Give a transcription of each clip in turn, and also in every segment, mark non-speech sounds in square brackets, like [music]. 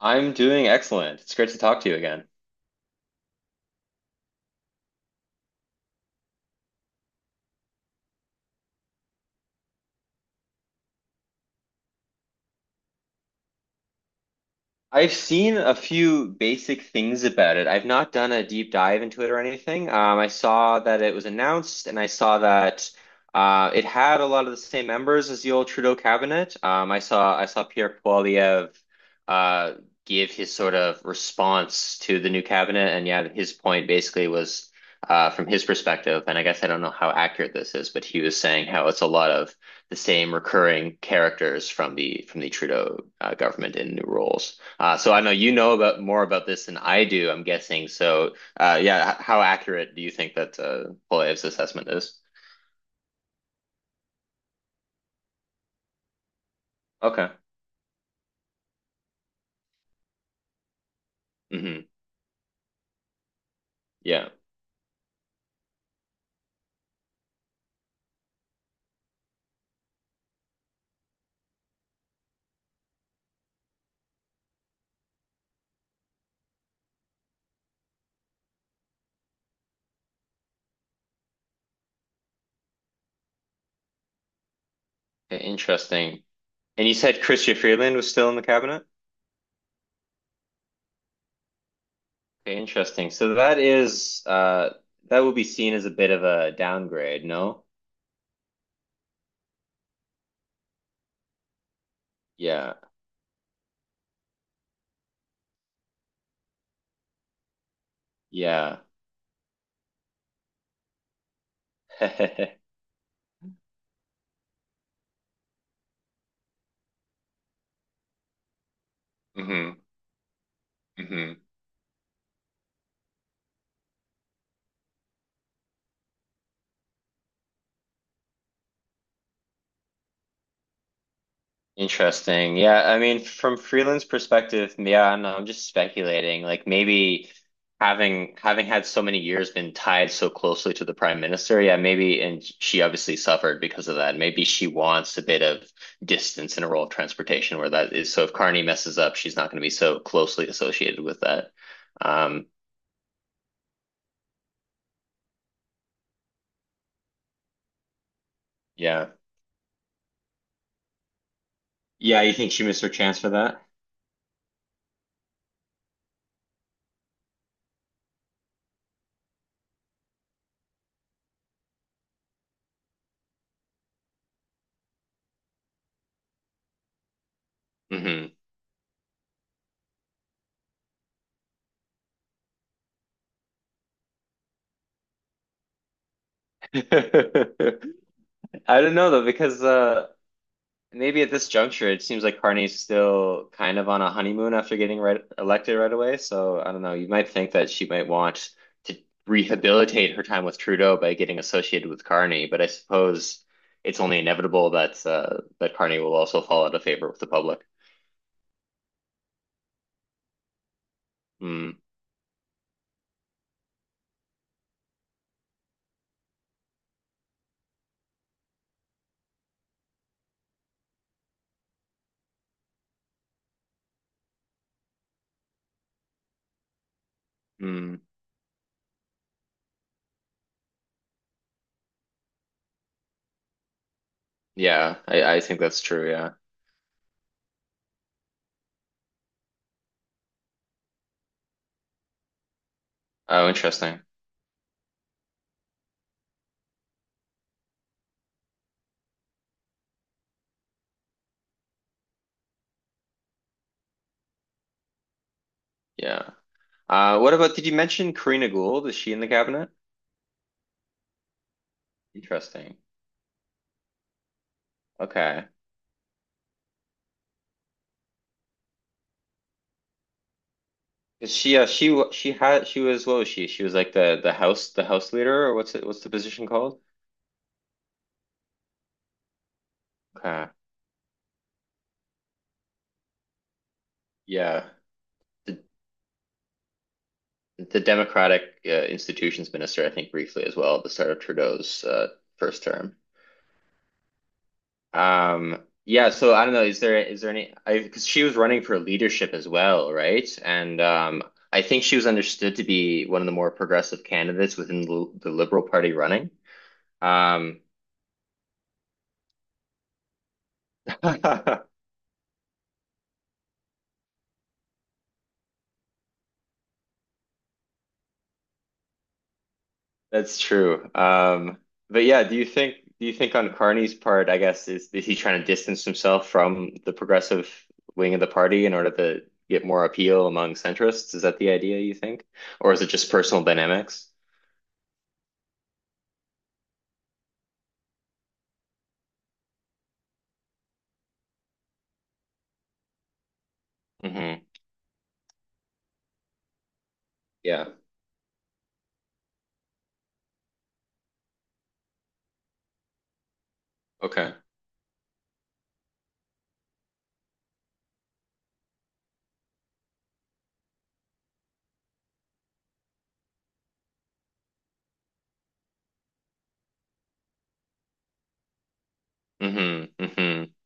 I'm doing excellent. It's great to talk to you again. I've seen a few basic things about it. I've not done a deep dive into it or anything. I saw that it was announced, and I saw that it had a lot of the same members as the old Trudeau cabinet. I saw Pierre Poilievre uh, give his sort of response to the new cabinet, and yeah, his point basically was from his perspective, and I guess I don't know how accurate this is, but he was saying how it's a lot of the same recurring characters from the Trudeau government in new roles. So I know you know about more about this than I do, I'm guessing. So, yeah, how accurate do you think that Polyev's assessment is? Okay. Hmm. Yeah. Okay, interesting. And you said Chrystia Freeland was still in the cabinet? Okay, interesting. So that is that would be seen as a bit of a downgrade, no? Yeah. Yeah. [laughs] Hmm. Hmm. Interesting. Yeah, I mean, from freelance perspective, yeah, I don't know, I'm just speculating. Like maybe having had so many years been tied so closely to the prime minister, yeah, maybe, and she obviously suffered because of that. Maybe she wants a bit of distance in a role of transportation where that is. So if Carney messes up, she's not going to be so closely associated with that. Um, yeah. Yeah, you think she missed her chance for that? Hmm. [laughs] I don't know though, because maybe at this juncture, it seems like Carney's still kind of on a honeymoon after getting right, elected right away. So I don't know. You might think that she might want to rehabilitate her time with Trudeau by getting associated with Carney, but I suppose it's only inevitable that that Carney will also fall out of favor with the public. Mm. Mm, yeah, I think that's true. Yeah. Oh, interesting. Yeah. What about, did you mention Karina Gould? Is she in the cabinet? Interesting. Okay. Is she had she was what was she? She was like the the house leader or what's it what's the position called? Okay. Yeah. The the Democratic Institutions Minister, I think briefly as well at the start of Trudeau's first term. Um, yeah, so I don't know, is there any I because she was running for leadership as well, right? And um, I think she was understood to be one of the more progressive candidates within the Liberal Party running. Um. [laughs] That's true. But yeah, do you think on Carney's part, I guess, is he trying to distance himself from the progressive wing of the party in order to get more appeal among centrists? Is that the idea you think? Or is it just personal dynamics? Hmm. Yeah. Okay. Hmm. Hmm.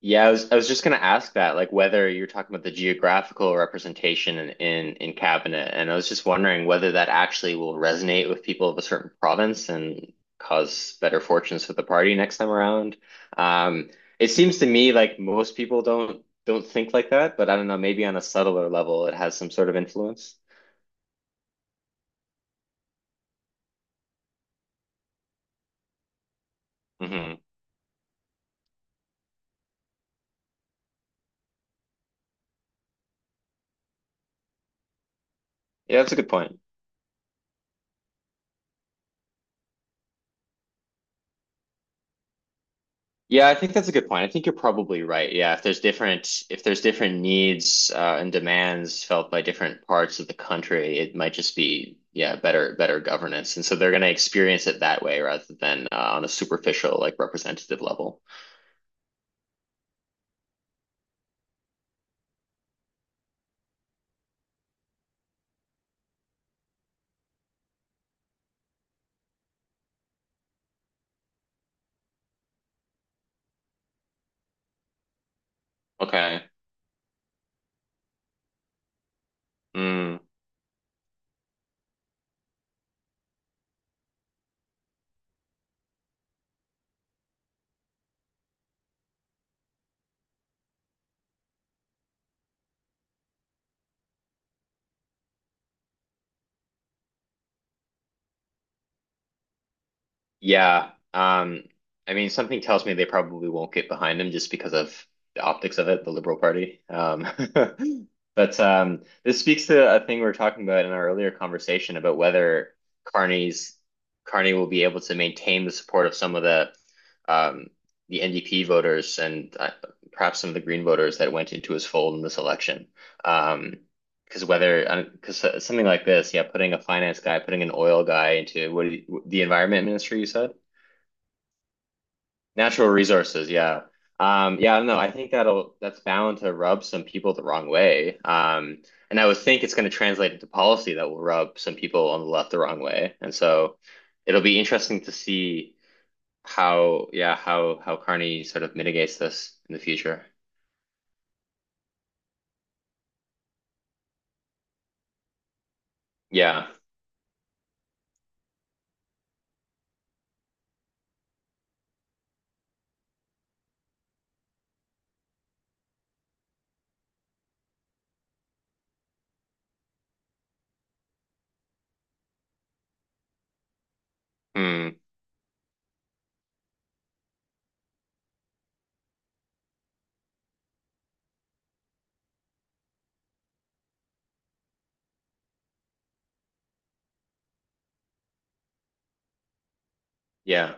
Yeah, I was just gonna ask that, like whether you're talking about the geographical representation in cabinet, and I was just wondering whether that actually will resonate with people of a certain province and cause better fortunes for the party next time around. Um, it seems to me like most people don't think like that, but I don't know, maybe on a subtler level, it has some sort of influence. Hmm. Yeah, that's a good point. Yeah, I think that's a good point. I think you're probably right. Yeah, if there's different needs and demands felt by different parts of the country, it might just be yeah better governance, and so they're going to experience it that way rather than on a superficial like representative level. Okay. Mm. Yeah. I mean, something tells me they probably won't get behind him just because of the optics of it, the Liberal Party. Um. [laughs] But this speaks to a thing we were talking about in our earlier conversation about whether Carney's Carney will be able to maintain the support of some of um, the NDP voters and perhaps some of the Green voters that went into his fold in this election. Um, because whether, because something like this, yeah, putting a finance guy, putting an oil guy into the environment ministry, you said? Natural resources, yeah. Yeah, I don't know. I think that'll, that's bound to rub some people the wrong way. And I would think it's going to translate into policy that will rub some people on the left the wrong way. And so it'll be interesting to see how, yeah, how Carney sort of mitigates this in the future. Yeah. Hmm. Yeah.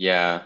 Yeah.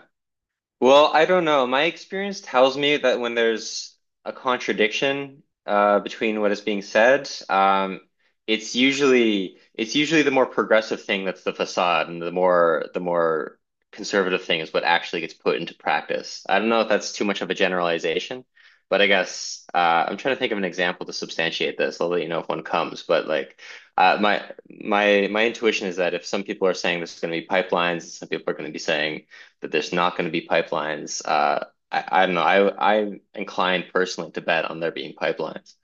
Well, I don't know. My experience tells me that when there's a contradiction between what is being said, it's usually the more progressive thing that's the facade, and the more conservative thing is what actually gets put into practice. I don't know if that's too much of a generalization, but I guess I'm trying to think of an example to substantiate this. I'll let you know if one comes, but like. Uh, my my intuition is that if some people are saying this is going to be pipelines, some people are going to be saying that there's not going to be pipelines. I don't know. I'm inclined personally to bet on there being pipelines.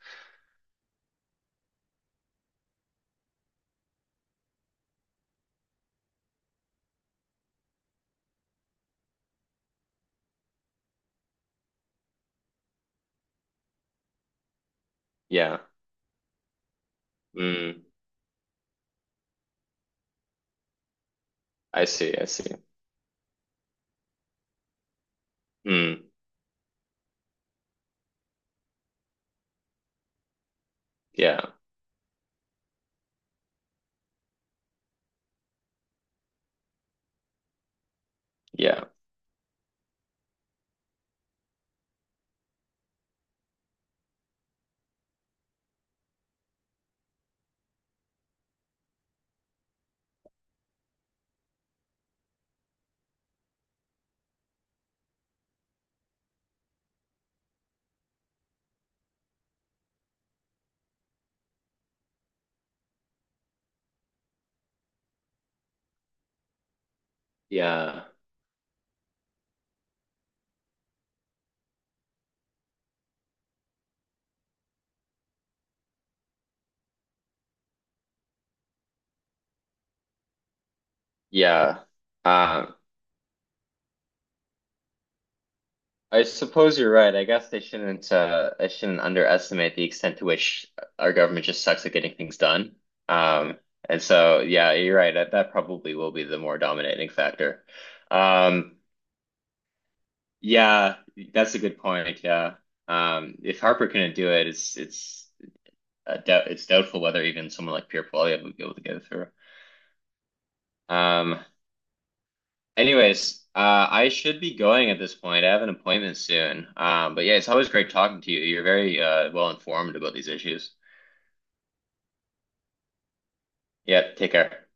Yeah. Mm, I see. I see. Mm, yeah. Yeah. Yeah. Yeah. Uh, I suppose you're right. I guess they shouldn't, I shouldn't underestimate the extent to which our government just sucks at getting things done. Um, and so, yeah, you're right. That, that probably will be the more dominating factor. Um. Yeah, that's a good point. Yeah. If Harper couldn't do it, it's doubt it's doubtful whether even someone like Pierre Poilievre would be able to get it through. Um, anyways, I should be going at this point. I have an appointment soon. But yeah, it's always great talking to you. You're very well informed about these issues. Yeah, take care.